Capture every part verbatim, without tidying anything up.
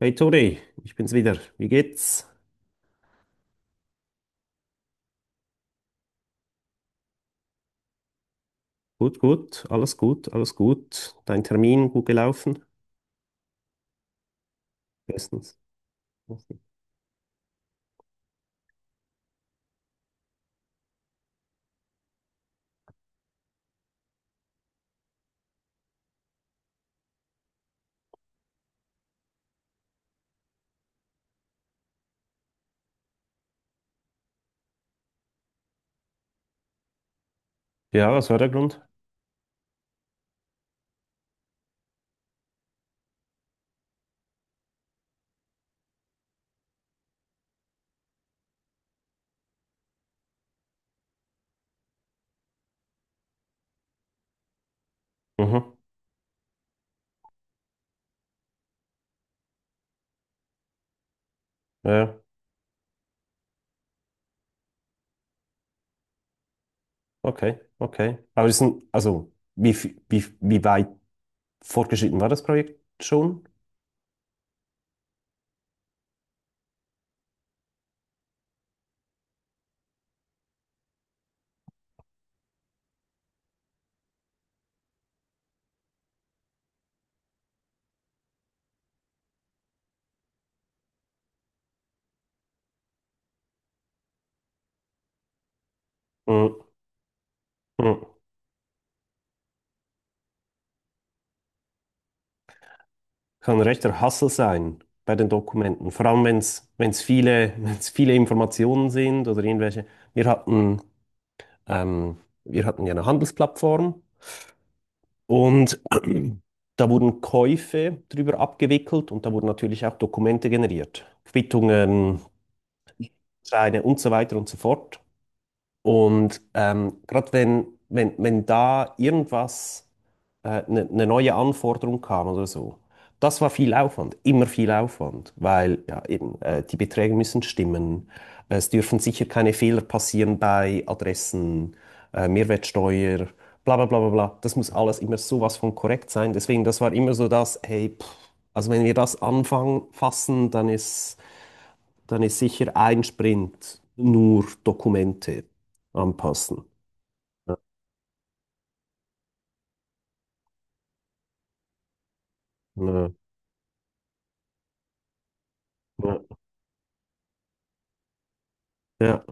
Hey Tori, ich bin's wieder. Wie geht's? Gut, gut, alles gut, alles gut. Dein Termin gut gelaufen? Bestens. Ja, was war der Grund? Mhm. Ja, ja, okay, okay. Aber ist ein, also, wie, f- wie, wie weit fortgeschritten war das Projekt schon? Mhm. Mhm. Kann ein rechter Hassel sein bei den Dokumenten. Vor allem, wenn es wenn's viele, wenn's viele Informationen sind oder irgendwelche. Wir hatten, ähm, wir hatten ja eine Handelsplattform. Und da wurden Käufe drüber abgewickelt und da wurden natürlich auch Dokumente generiert, Quittungen, Scheine und so weiter und so fort. Und ähm, gerade wenn, wenn, wenn da irgendwas, eine äh, ne ne neue Anforderung kam oder so, das war viel Aufwand, immer viel Aufwand, weil ja, eben, äh, die Beträge müssen stimmen, es dürfen sicher keine Fehler passieren bei Adressen, äh, Mehrwertsteuer, bla bla bla bla bla. Das muss alles immer sowas von korrekt sein. Deswegen, das war immer so das, hey, pff, also wenn wir das anfangen fassen, dann ist dann ist sicher ein Sprint nur Dokumente anpassen. Ja, ja, ja. Ja.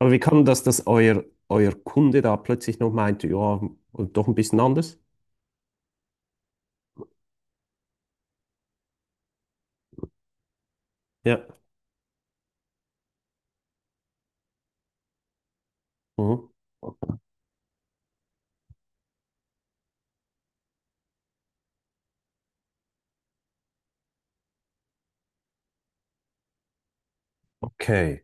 Aber wie kann das, dass euer, euer Kunde da plötzlich noch meinte, ja, doch ein bisschen anders? Ja. Mhm. Okay.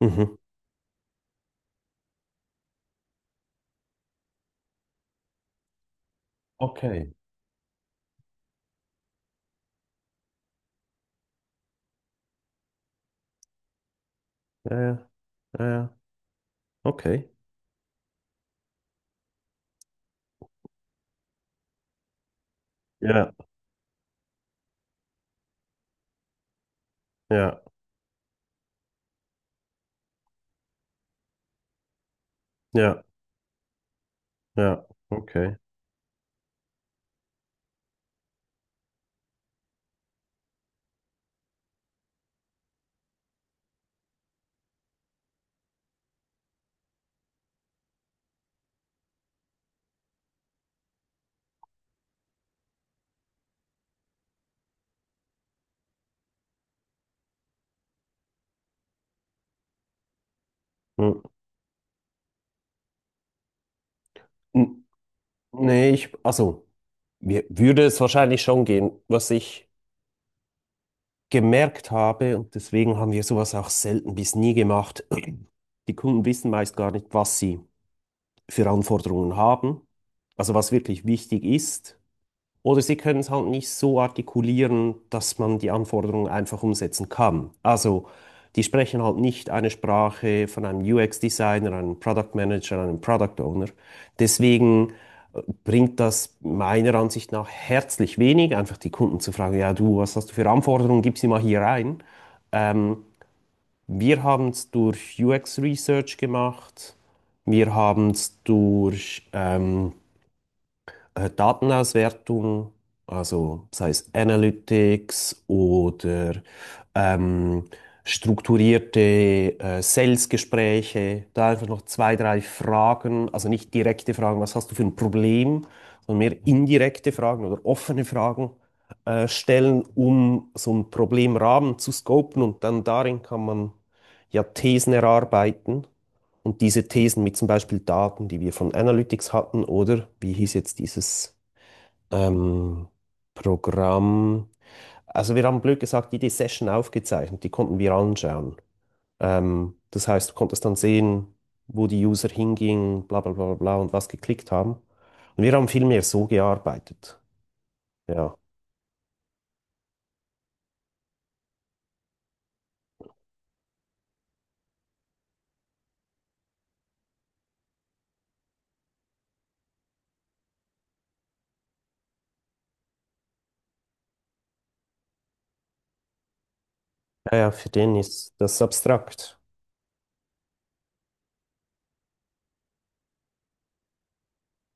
Mhm. Okay. Ja, ja, ja, ja. Okay. Ja, ja, ja, ja. Okay. Hm. Nee, ich, also, mir würde es wahrscheinlich schon gehen. Was ich gemerkt habe, und deswegen haben wir sowas auch selten bis nie gemacht: die Kunden wissen meist gar nicht, was sie für Anforderungen haben, also was wirklich wichtig ist. Oder sie können es halt nicht so artikulieren, dass man die Anforderungen einfach umsetzen kann. Also die sprechen halt nicht eine Sprache von einem U X-Designer, einem Product Manager, einem Product Owner. Deswegen äh, bringt das meiner Ansicht nach herzlich wenig, einfach die Kunden zu fragen, ja du, was hast du für Anforderungen, gib sie mal hier rein. Ähm, wir haben es durch U X Research gemacht. Wir haben es durch ähm, äh, Datenauswertung, also sei es Analytics oder ähm, strukturierte äh, Sales-Gespräche, da einfach noch zwei, drei Fragen, also nicht direkte Fragen, was hast du für ein Problem, sondern mehr indirekte Fragen oder offene Fragen äh, stellen, um so einen Problemrahmen zu scopen und dann darin kann man ja Thesen erarbeiten. Und diese Thesen mit zum Beispiel Daten, die wir von Analytics hatten, oder wie hieß jetzt dieses ähm, Programm? Also wir haben blöd gesagt, jede Session aufgezeichnet, die konnten wir anschauen. Ähm, das heißt, du konntest dann sehen, wo die User hingingen, bla bla bla bla und was geklickt haben. Und wir haben viel mehr so gearbeitet. Ja, ja, ja, für den ist das abstrakt.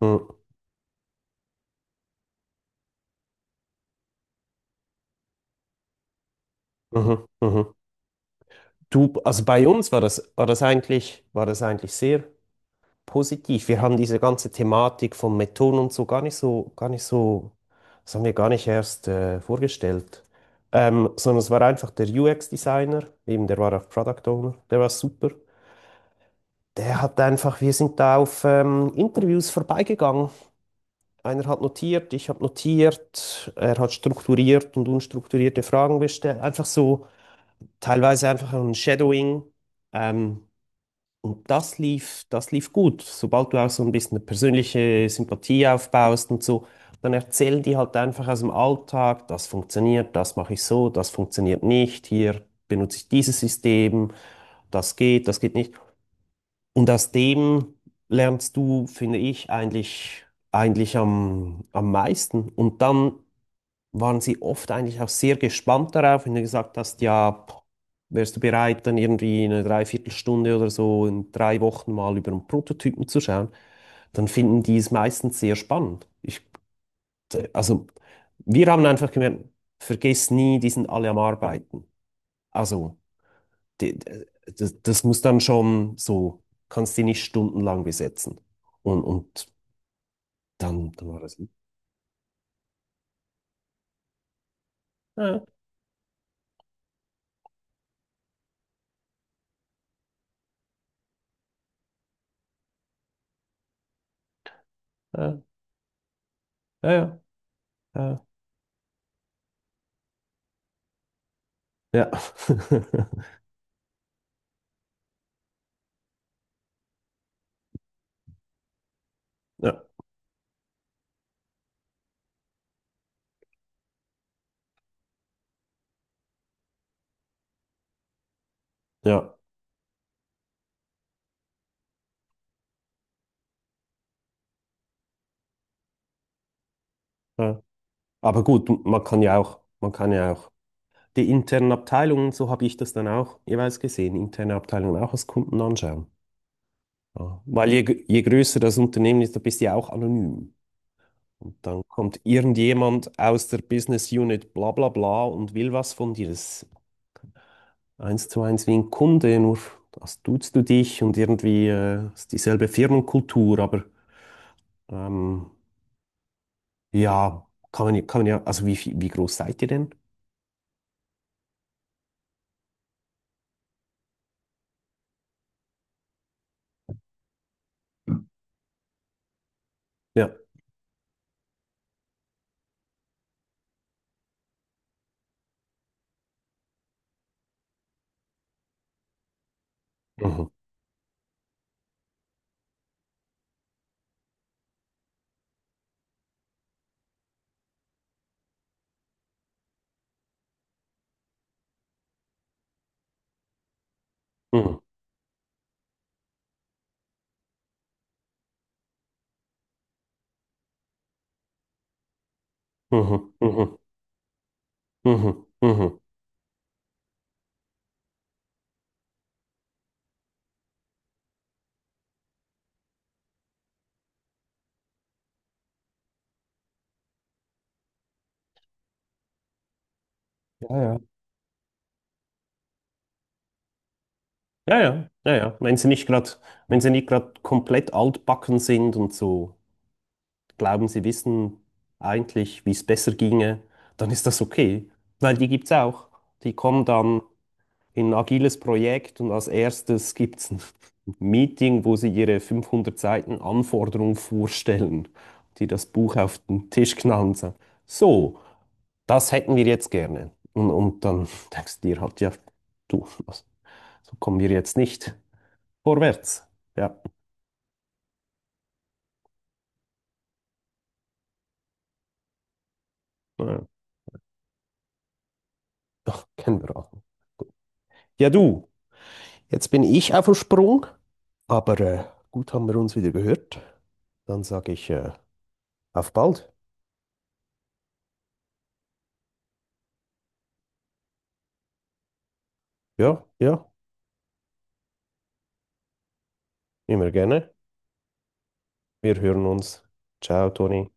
Mhm, mhm, mhm. Du, also bei uns war das, war das eigentlich, war das eigentlich sehr positiv. Wir haben diese ganze Thematik von Methoden und so gar nicht so, gar nicht so, das haben wir gar nicht erst äh, vorgestellt. Ähm, sondern es war einfach der U X-Designer, eben der war auch Product Owner, der war super. Der hat einfach, wir sind da auf ähm, Interviews vorbeigegangen. Einer hat notiert, ich habe notiert, er hat strukturiert und unstrukturierte Fragen gestellt. Einfach so, teilweise einfach ein Shadowing. Ähm, und das lief, das lief gut. Sobald du auch so ein bisschen eine persönliche Sympathie aufbaust und so, dann erzählen die halt einfach aus dem Alltag, das funktioniert, das mache ich so, das funktioniert nicht, hier benutze ich dieses System, das geht, das geht nicht. Und aus dem lernst du, finde ich, eigentlich, eigentlich am, am meisten. Und dann waren sie oft eigentlich auch sehr gespannt darauf, wenn du gesagt hast, ja, pff, wärst du bereit, dann irgendwie eine Dreiviertelstunde oder so in drei Wochen mal über einen Prototypen zu schauen, dann finden die es meistens sehr spannend. Ich, also wir haben einfach gemerkt, vergiss nie, die sind alle am Arbeiten. Also die, das, das muss dann schon so, kannst die nicht stundenlang besetzen. Und, und dann, dann war das. Ja, ja, ja, ja. Ja. Ja. Ja, ja. Ja. Aber gut, m- man kann ja auch, man kann ja auch die internen Abteilungen, so habe ich das dann auch jeweils gesehen, interne Abteilungen auch als Kunden anschauen. Ja. Weil je, gr- je größer das Unternehmen ist, da bist du ja auch anonym. Und dann kommt irgendjemand aus der Business Unit bla bla bla und will was von dir. Das ist eins zu eins wie ein Kunde, nur das duzt du dich und irgendwie äh, ist dieselbe Firmenkultur, aber ähm, ja, kann man, ja- kann man ja, also wie, viel- wie groß seid ihr denn? Ja. Mhm. Mhm. Mhm, mhm, mhm, mhm. Ja, ja. Ja, ja, ja, ja. Wenn sie nicht gerade, wenn sie nicht gerade komplett altbacken sind und so glauben, sie wissen eigentlich, wie es besser ginge, dann ist das okay, weil die gibt's auch. Die kommen dann in ein agiles Projekt und als erstes gibt es ein Meeting, wo sie ihre fünfhundert Seiten Anforderung vorstellen, die das Buch auf den Tisch knallen und sagen, so, das hätten wir jetzt gerne. Und, und dann denkst du dir halt, ja, du, also, so kommen wir jetzt nicht vorwärts. Ja, äh, doch, kennen wir auch. Ja, du, jetzt bin ich auf dem Sprung, aber äh, gut haben wir uns wieder gehört. Dann sage ich, äh, auf bald. Ja, ja, immer gerne. Wir hören uns. Ciao, Toni.